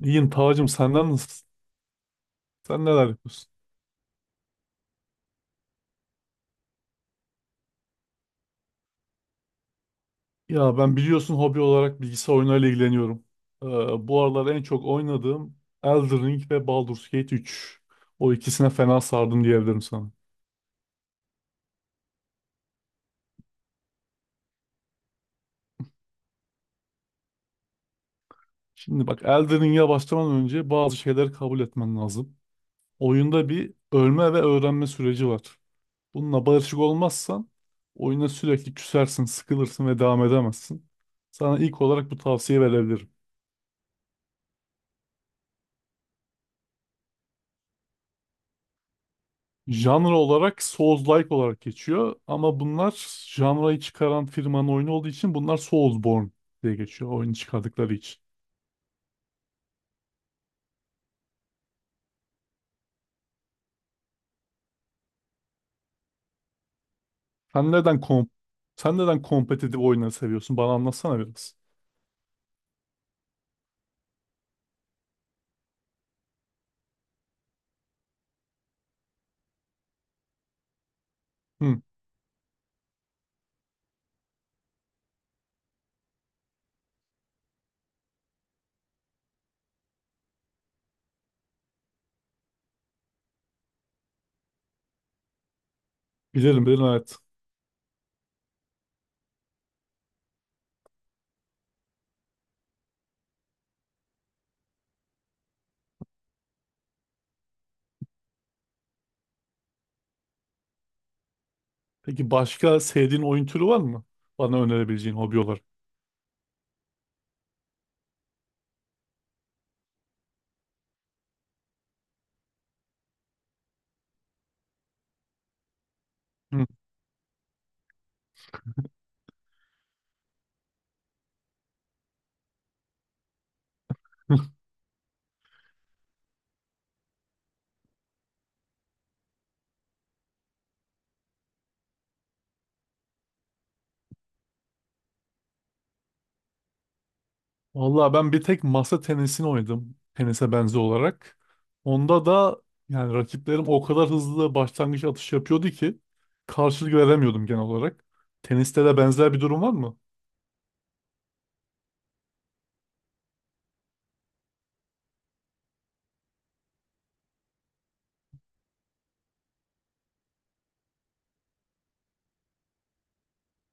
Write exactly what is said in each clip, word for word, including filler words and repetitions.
İyiyim Tacım, senden nasılsın? Sen neler yapıyorsun? Ya ben biliyorsun hobi olarak bilgisayar oyunlarıyla ilgileniyorum. Ee, bu aralar en çok oynadığım Elden Ring ve Baldur's Gate üç. O ikisine fena sardım diyebilirim sana. Şimdi bak Elden Ring'e başlamadan önce bazı şeyleri kabul etmen lazım. Oyunda bir ölme ve öğrenme süreci var. Bununla barışık olmazsan oyuna sürekli küsersin, sıkılırsın ve devam edemezsin. Sana ilk olarak bu tavsiye verebilirim. Janra olarak Souls-like olarak geçiyor ama bunlar janrayı çıkaran firmanın oyunu olduğu için bunlar Soulsborne diye geçiyor oyunu çıkardıkları için. Sen neden kom Sen neden kompetitif oyunları seviyorsun? Bana anlatsana biraz. Hı, bilirim bilirim evet. Peki başka sevdiğin oyun türü var mı? Bana önerebileceğin hobi olarak. Hı. Vallahi ben bir tek masa tenisini oynadım. Tenise benzer olarak. Onda da yani rakiplerim o kadar hızlı başlangıç atış yapıyordu ki karşılık veremiyordum genel olarak. Teniste de benzer bir durum var mı?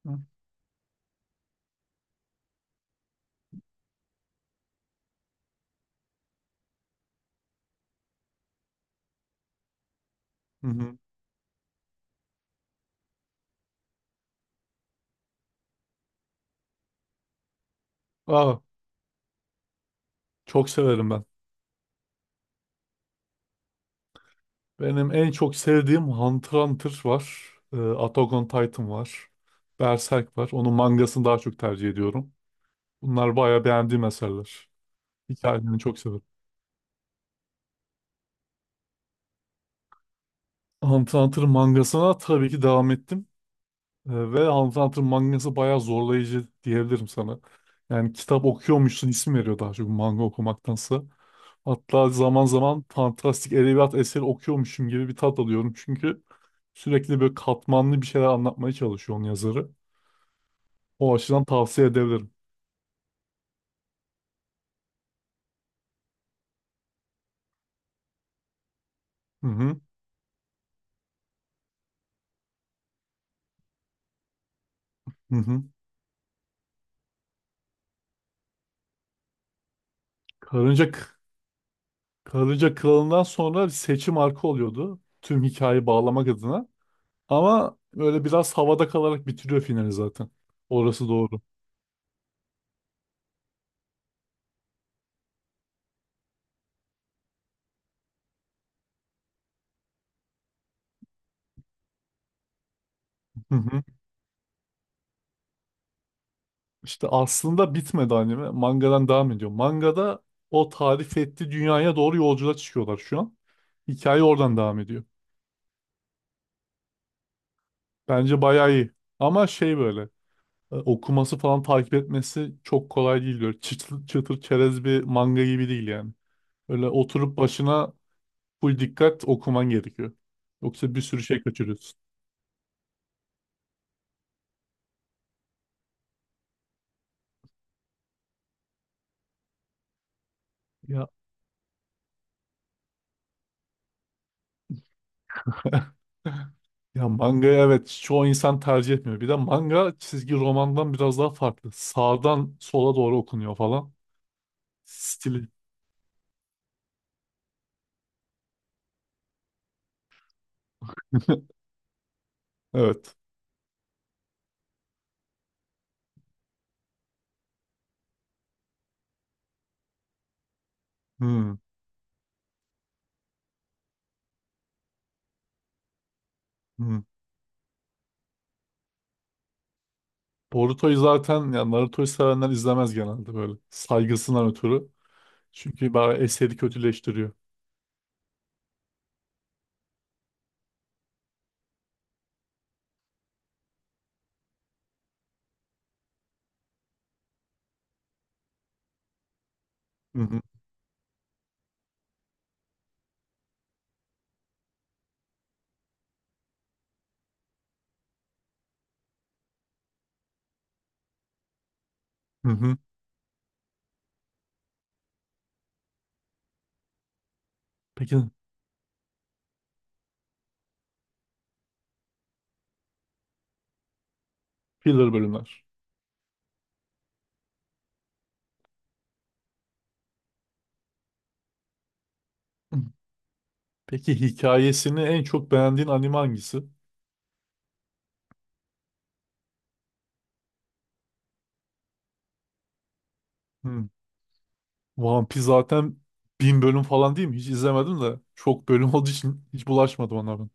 Hı hı. Hı. Aa, çok severim ben. Benim en çok sevdiğim Hunter x Hunter var. Ee, Attack on Titan var. Berserk var. Onun mangasını daha çok tercih ediyorum. Bunlar bayağı beğendiğim eserler. Hikayelerini çok severim. Hunter x Hunter'ın mangasına tabii ki devam ettim. Ee, Ve Hunter x Hunter mangası bayağı zorlayıcı diyebilirim sana. Yani kitap okuyormuşsun isim veriyor daha çok manga okumaktansa. Hatta zaman zaman fantastik edebiyat eseri okuyormuşum gibi bir tat alıyorum. Çünkü sürekli böyle katmanlı bir şeyler anlatmaya çalışıyor onun yazarı. O açıdan tavsiye edebilirim. Hı hı, hı hı. Karınca, Karınca Kralı'ndan sonra bir seçim arka oluyordu. Tüm hikayeyi bağlamak adına. Ama böyle biraz havada kalarak bitiriyor finali zaten. Orası doğru. İşte aslında bitmedi anime. Mangadan devam ediyor. Mangada o tarif ettiği dünyaya doğru yolculuğa çıkıyorlar şu an. Hikaye oradan devam ediyor. Bence bayağı iyi. Ama şey böyle e, okuması falan takip etmesi çok kolay değil. Böyle çıtır, çıtır çerez bir manga gibi değil yani. Öyle oturup başına full dikkat okuman gerekiyor. Yoksa bir sürü şey kaçırıyorsun. Ya, ya manga evet çoğu insan tercih etmiyor. Bir de manga çizgi romandan biraz daha farklı. Sağdan sola doğru okunuyor falan. Stili. Evet. Hmm. Hmm. Boruto'yu zaten ya Naruto'yu sevenler izlemez genelde böyle. Saygısından ötürü. Çünkü bayağı eseri kötüleştiriyor. Hı hı. Hı hı. Peki filler bölümler. Hı. Peki hikayesini en çok beğendiğin anime hangisi? Hı. One Piece zaten bin bölüm falan değil mi? Hiç izlemedim de. Çok bölüm olduğu için hiç bulaşmadım ona ben.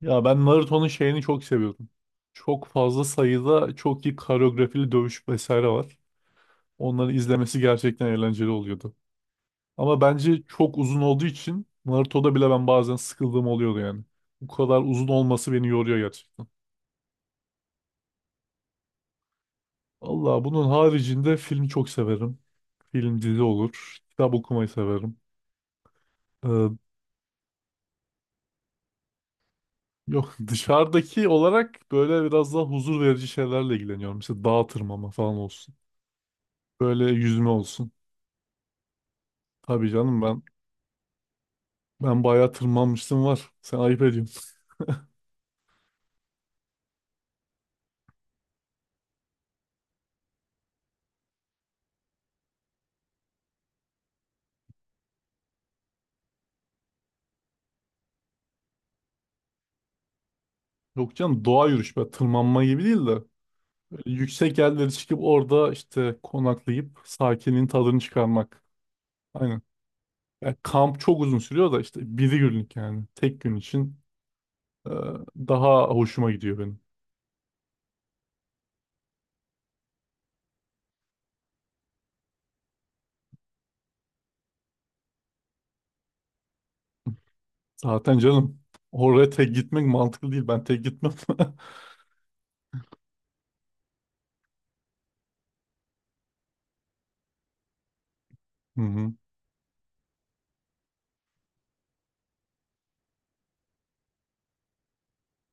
Ya ben Naruto'nun şeyini çok seviyordum. Çok fazla sayıda çok iyi koreografili dövüş vesaire var. Onları izlemesi gerçekten eğlenceli oluyordu. Ama bence çok uzun olduğu için Naruto'da bile ben bazen sıkıldığım oluyordu yani. Bu kadar uzun olması beni yoruyor gerçekten. Allah bunun haricinde film çok severim. Film dizi olur. Kitap okumayı severim. Ee, yok dışarıdaki olarak böyle biraz daha huzur verici şeylerle ilgileniyorum. Mesela dağ tırmanma falan olsun. Böyle yüzme olsun. Tabii canım ben ben bayağı tırmanmıştım var. Sen ayıp ediyorsun. Yok canım doğa yürüyüş. Böyle tırmanma gibi değil de. Yüksek yerlere çıkıp orada işte konaklayıp sakinin tadını çıkarmak. Aynen. Ya kamp çok uzun sürüyor da işte bir günlük yani. Tek gün için e, daha hoşuma gidiyor benim. Zaten canım oraya tek gitmek mantıklı değil. Ben tek gitmem. Hı hı.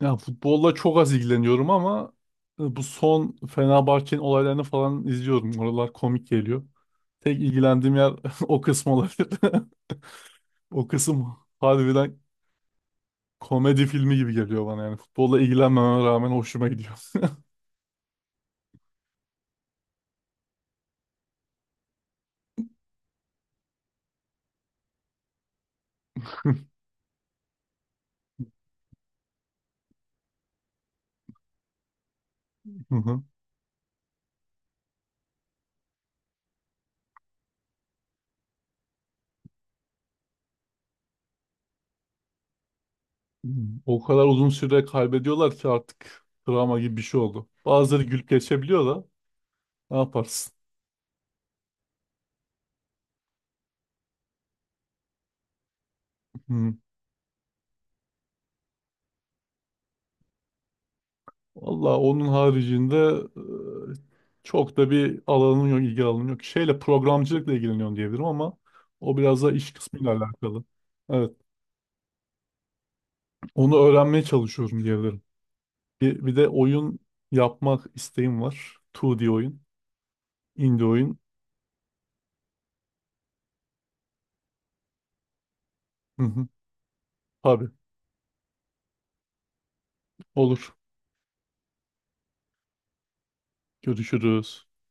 Ya futbolla çok az ilgileniyorum ama e, bu son Fenerbahçe'nin olaylarını falan izliyorum. Oralar komik geliyor. Tek ilgilendiğim yer o kısım olabilir. O kısım harbiden komedi filmi gibi geliyor bana yani. Futbolla ilgilenmememe rağmen hoşuma gidiyor. O kadar uzun süre kaybediyorlar ki artık travma gibi bir şey oldu. Bazıları gülüp geçebiliyor da ne yaparsın? Hı. Valla onun haricinde e, çok da bir alanın yok, ilgi alanın yok. Şeyle programcılıkla ilgileniyorum diyebilirim ama o biraz da iş kısmıyla alakalı. Evet, onu öğrenmeye çalışıyorum diyebilirim. Bir, bir de oyun yapmak isteğim var. iki D oyun, indie oyun. Hı hı. Tabii. Olur. Görüşürüz.